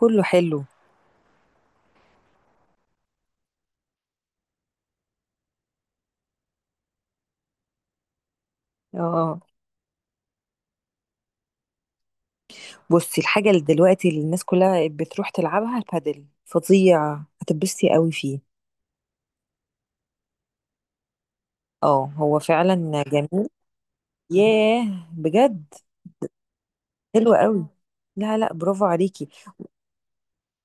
كله حلو. اه بصي، الحاجة اللي دلوقتي اللي الناس كلها بتروح تلعبها البادل فظيع. هتتبسطي قوي فيه. اه هو فعلا جميل. ياه، بجد؟ حلو قوي. لا لا، برافو عليكي.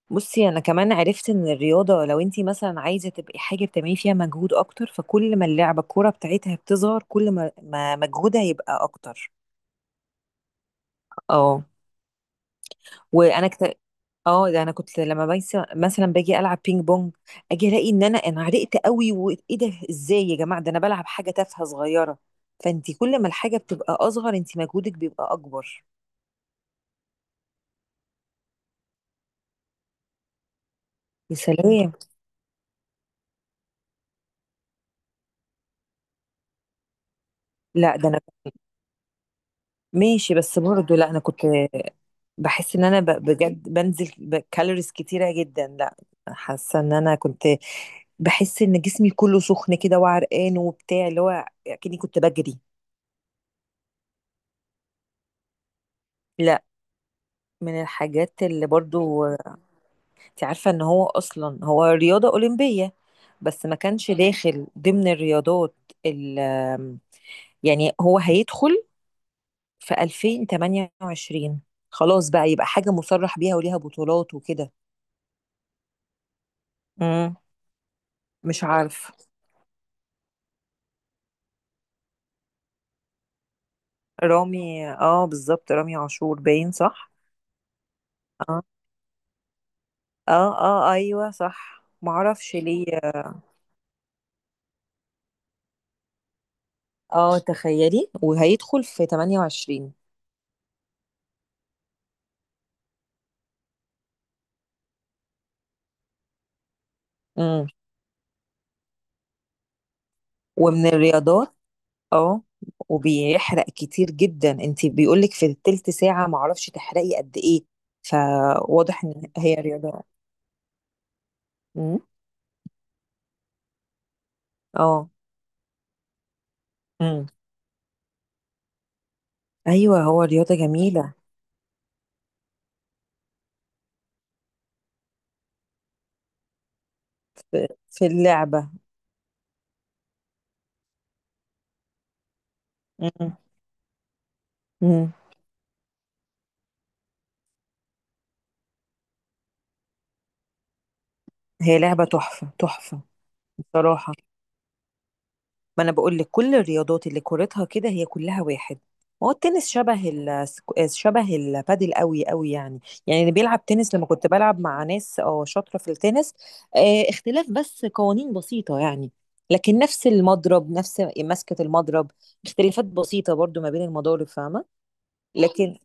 بصي، انا كمان عرفت ان الرياضة لو انتي مثلا عايزة تبقي حاجة بتعملي فيها مجهود اكتر، فكل ما اللعبة الكورة بتاعتها بتظهر، كل ما مجهودها يبقى اكتر. اه وانا كت... اه ده انا كنت لما مثلا باجي العب بينج بونج، اجي الاقي ان انا عرقت قوي. وايه ده، ازاي يا جماعه، ده انا بلعب حاجه تافهه صغيره. فانت كل ما الحاجه بتبقى اصغر انت مجهودك بيبقى اكبر. يا سلام. لا ده انا ماشي. بس برضه لا، انا كنت بحس ان انا بجد بنزل كالوريز كتيره جدا. لا، حاسه ان انا كنت بحس ان جسمي كله سخن كده وعرقان وبتاع، اللي هو كأني كنت بجري. لا. من الحاجات اللي برضو، انت عارفة ان هو اصلا هو رياضة اولمبية، بس ما كانش داخل ضمن الرياضات. ال يعني هو هيدخل في 2028، خلاص بقى، يبقى حاجة مصرح بيها وليها بطولات وكده. امم مش عارف. رامي، بالظبط رامي عاشور، باين صح. اه اه اه، ايوه صح، معرفش ليه. اه آه، تخيلي، وهيدخل في 28. امم ومن الرياضات. اه وبيحرق كتير جدا. انت بيقولك في التلت ساعة معرفش تحرقي قد ايه. فواضح ان هي رياضة. امم اه امم ايوه، هو رياضة جميلة. في اللعبة. امم امم هي لعبة تحفة تحفة. بصراحة، ما انا بقول لك، كل الرياضات اللي كورتها كده هي كلها واحد. ما هو التنس شبه شبه البادل قوي قوي يعني. يعني اللي بيلعب تنس، لما كنت بلعب مع ناس شاطره في التنس، آه، اختلاف بس قوانين بسيطه يعني. لكن نفس المضرب، نفس مسكه المضرب. اختلافات بسيطه برضو ما بين المضارب، فاهمه؟ لكن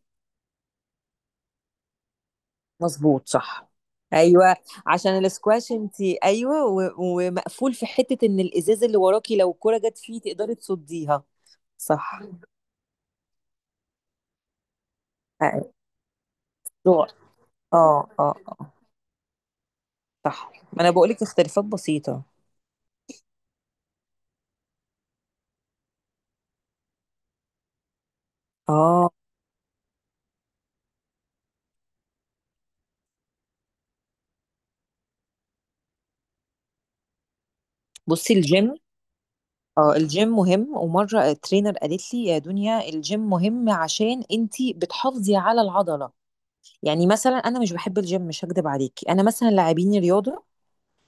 مظبوط، صح، ايوه. عشان الاسكواش انت ايوه ومقفول في حته. ان الازاز اللي وراكي، لو الكره جت فيه تقدري تصديها. صح، أيوة. اه اه اه، صح، ما انا بقولك اختلافات بسيطة. اه بصي، الجيم، مهم. ومرة الترينر قالت لي يا دنيا الجيم مهم عشان انتي بتحافظي على العضلة. يعني مثلا انا مش بحب الجيم، مش هكدب عليكي. انا مثلا لاعبيني رياضة،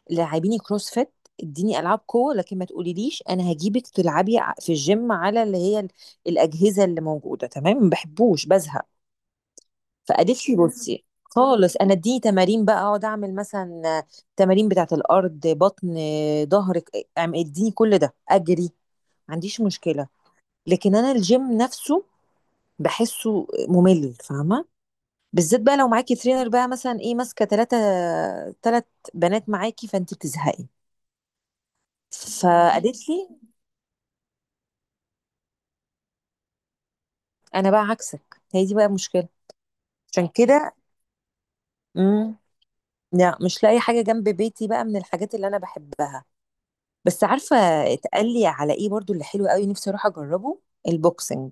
لاعبيني كروس فيت، اديني العاب قوه، لكن ما تقوليليش انا هجيبك تلعبي في الجيم، على اللي هي الاجهزه اللي موجوده. تمام، ما بحبوش، بزهق. فقالت لي بصي خالص، انا اديني تمارين بقى اقعد اعمل مثلا، تمارين بتاعه الارض، بطن، ظهرك، اديني كل ده، اجري، ما عنديش مشكله. لكن انا الجيم نفسه بحسه ممل، فاهمه؟ بالذات بقى لو معاكي ترينر بقى مثلا ايه، ماسكه ثلاث بنات معاكي، فانت بتزهقي. فقالت لي، انا بقى عكسك، هي دي بقى مشكله. عشان كده. امم لا، مش لاقي حاجه جنب بيتي بقى، من الحاجات اللي انا بحبها بس، عارفه، اتقال لي على ايه برضو اللي حلو قوي نفسي اروح اجربه، البوكسنج.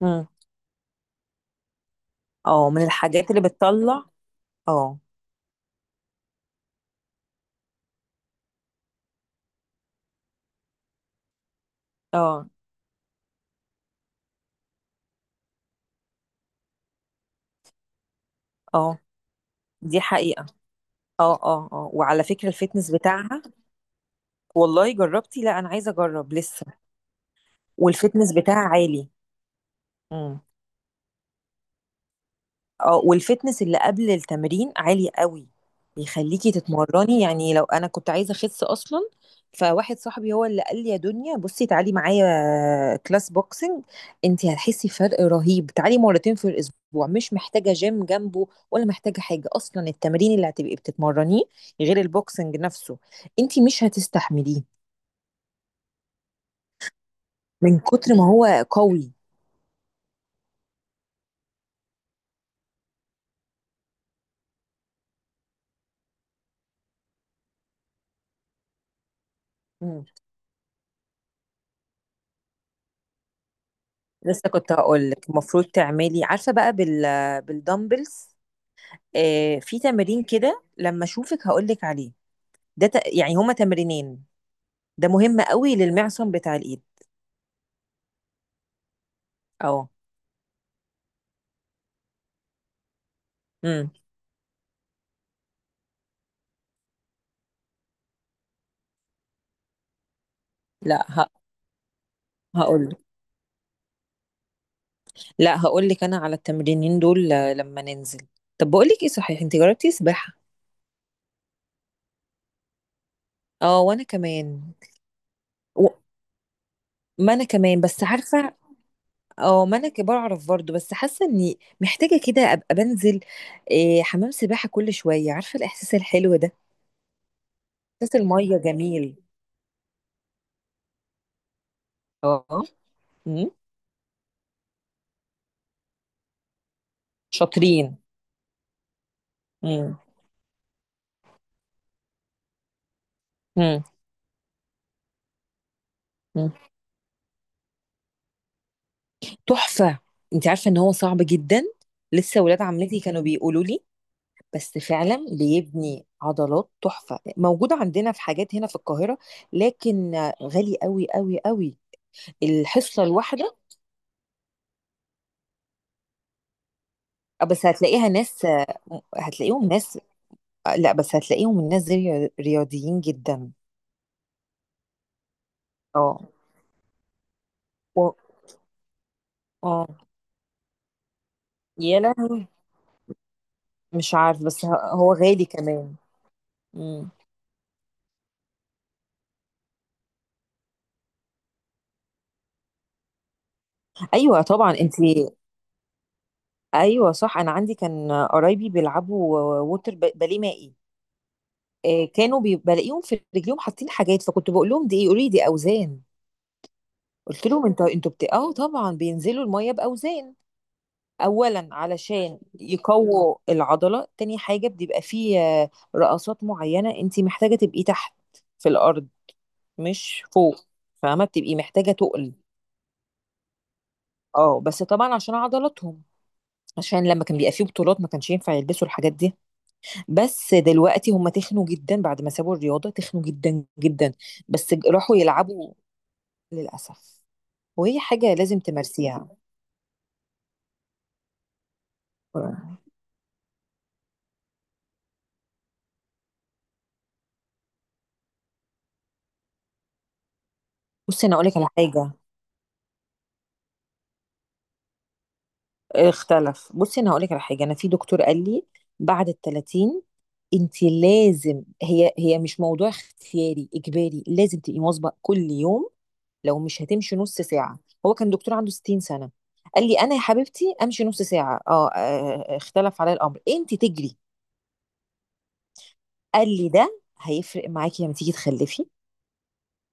امم اه، من الحاجات اللي بتطلع. اه اه اه، دي حقيقه. اه اه اه، وعلى فكره الفتنس بتاعها، والله جربتي؟ لا، انا عايزه اجرب لسه. والفتنس بتاعها عالي. اه، والفتنس اللي قبل التمرين عالي قوي. بيخليكي تتمرني، يعني لو انا كنت عايزه اخس اصلا. فواحد صاحبي هو اللي قال لي، يا دنيا بصي، تعالي معايا كلاس بوكسنج، انت هتحسي فرق رهيب. تعالي مرتين في الاسبوع، مش محتاجه جيم جنبه ولا محتاجه حاجه اصلا. التمرين اللي هتبقي بتتمرنيه غير البوكسنج نفسه انت مش هتستحمليه، من كتر ما هو قوي. مم. لسه كنت هقول لك المفروض تعملي، عارفه بقى بالدمبلز. آه، في تمرين كده لما اشوفك هقول لك عليه. يعني هما تمرينين، ده مهم قوي للمعصم بتاع الايد. اه امم لا هقول لك، لا هقول لك انا على التمرينين دول آه، لما ننزل. طب بقول لك ايه، صحيح انت جربتي سباحة؟ اه، وانا كمان. و... ما انا كمان بس، عارفة، اه ما انا بعرف برضه، بس حاسة اني محتاجة كده ابقى بنزل آه، حمام سباحة كل شوية، عارفة الاحساس الحلو ده، احساس المية جميل. اه امم شاطرين. مم. مم. تحفة. انت عارفة ان هو صعب جدا؟ لسه ولاد عمتي كانوا بيقولوا لي، بس فعلا بيبني عضلات تحفة. موجودة عندنا في حاجات هنا في القاهرة لكن غالي قوي قوي قوي الحصة الواحدة. بس هتلاقيها ناس، هتلاقيهم ناس. لا بس هتلاقيهم الناس دي رياضيين جدا. اه و... اه يا لهوي، مش عارف. بس هو غالي كمان. مم. ايوه طبعا انت. ايوه صح، انا عندي كان قرايبي بيلعبوا ووتر باليه مائي، آه، كانوا بلاقيهم في رجليهم حاطين حاجات، فكنت بقول لهم دي ايه، يقولوا لي دي اوزان. قلت لهم انتوا اه طبعا بينزلوا الميه باوزان، اولا علشان يقووا العضله. تاني حاجه بيبقى فيه آه، رقصات معينه انت محتاجه تبقي تحت في الارض، مش فوق، فاهمه؟ بتبقي محتاجه تقل. اه، بس طبعا عشان عضلاتهم. عشان لما كان بيبقى فيه بطولات ما كانش ينفع يلبسوا الحاجات دي. بس دلوقتي هم تخنوا جدا بعد ما سابوا الرياضة، تخنوا جدا جدا. راحوا يلعبوا للأسف. وهي حاجة لازم تمارسيها. بصي أنا أقولك على حاجة، اختلف. بصي أنا هقولك على حاجة، أنا في دكتور قال لي بعد التلاتين انت لازم، هي مش موضوع اختياري، اجباري، لازم تبقي مواظبه كل يوم، لو مش هتمشي نص ساعه. هو كان دكتور عنده 60 سنه، قال لي، انا يا حبيبتي امشي نص ساعه اختلف عليا الامر. انت تجري، قال لي ده هيفرق معاكي لما تيجي تخلفي.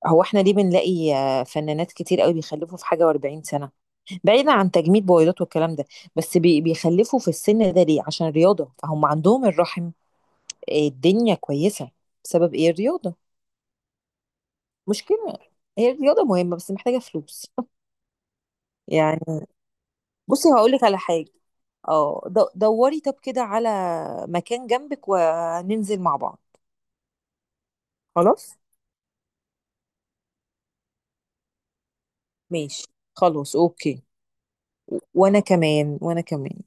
هو احنا ليه بنلاقي آه، فنانات كتير قوي بيخلفوا في حاجه و40 سنه؟ بعيدا عن تجميد بويضات والكلام ده، بس بيخلفوا في السن ده ليه؟ عشان رياضه. فهم عندهم الرحم آه، الدنيا كويسه، بسبب ايه؟ الرياضه. مشكله، هي الرياضه مهمه بس محتاجه فلوس يعني. بصي هقول لك على حاجه، دوري طب كده على مكان جنبك وننزل مع بعض. خلاص، ماشي، خلاص، اوكي. وانا كمان، وانا كمان.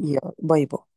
يلا، باي باي.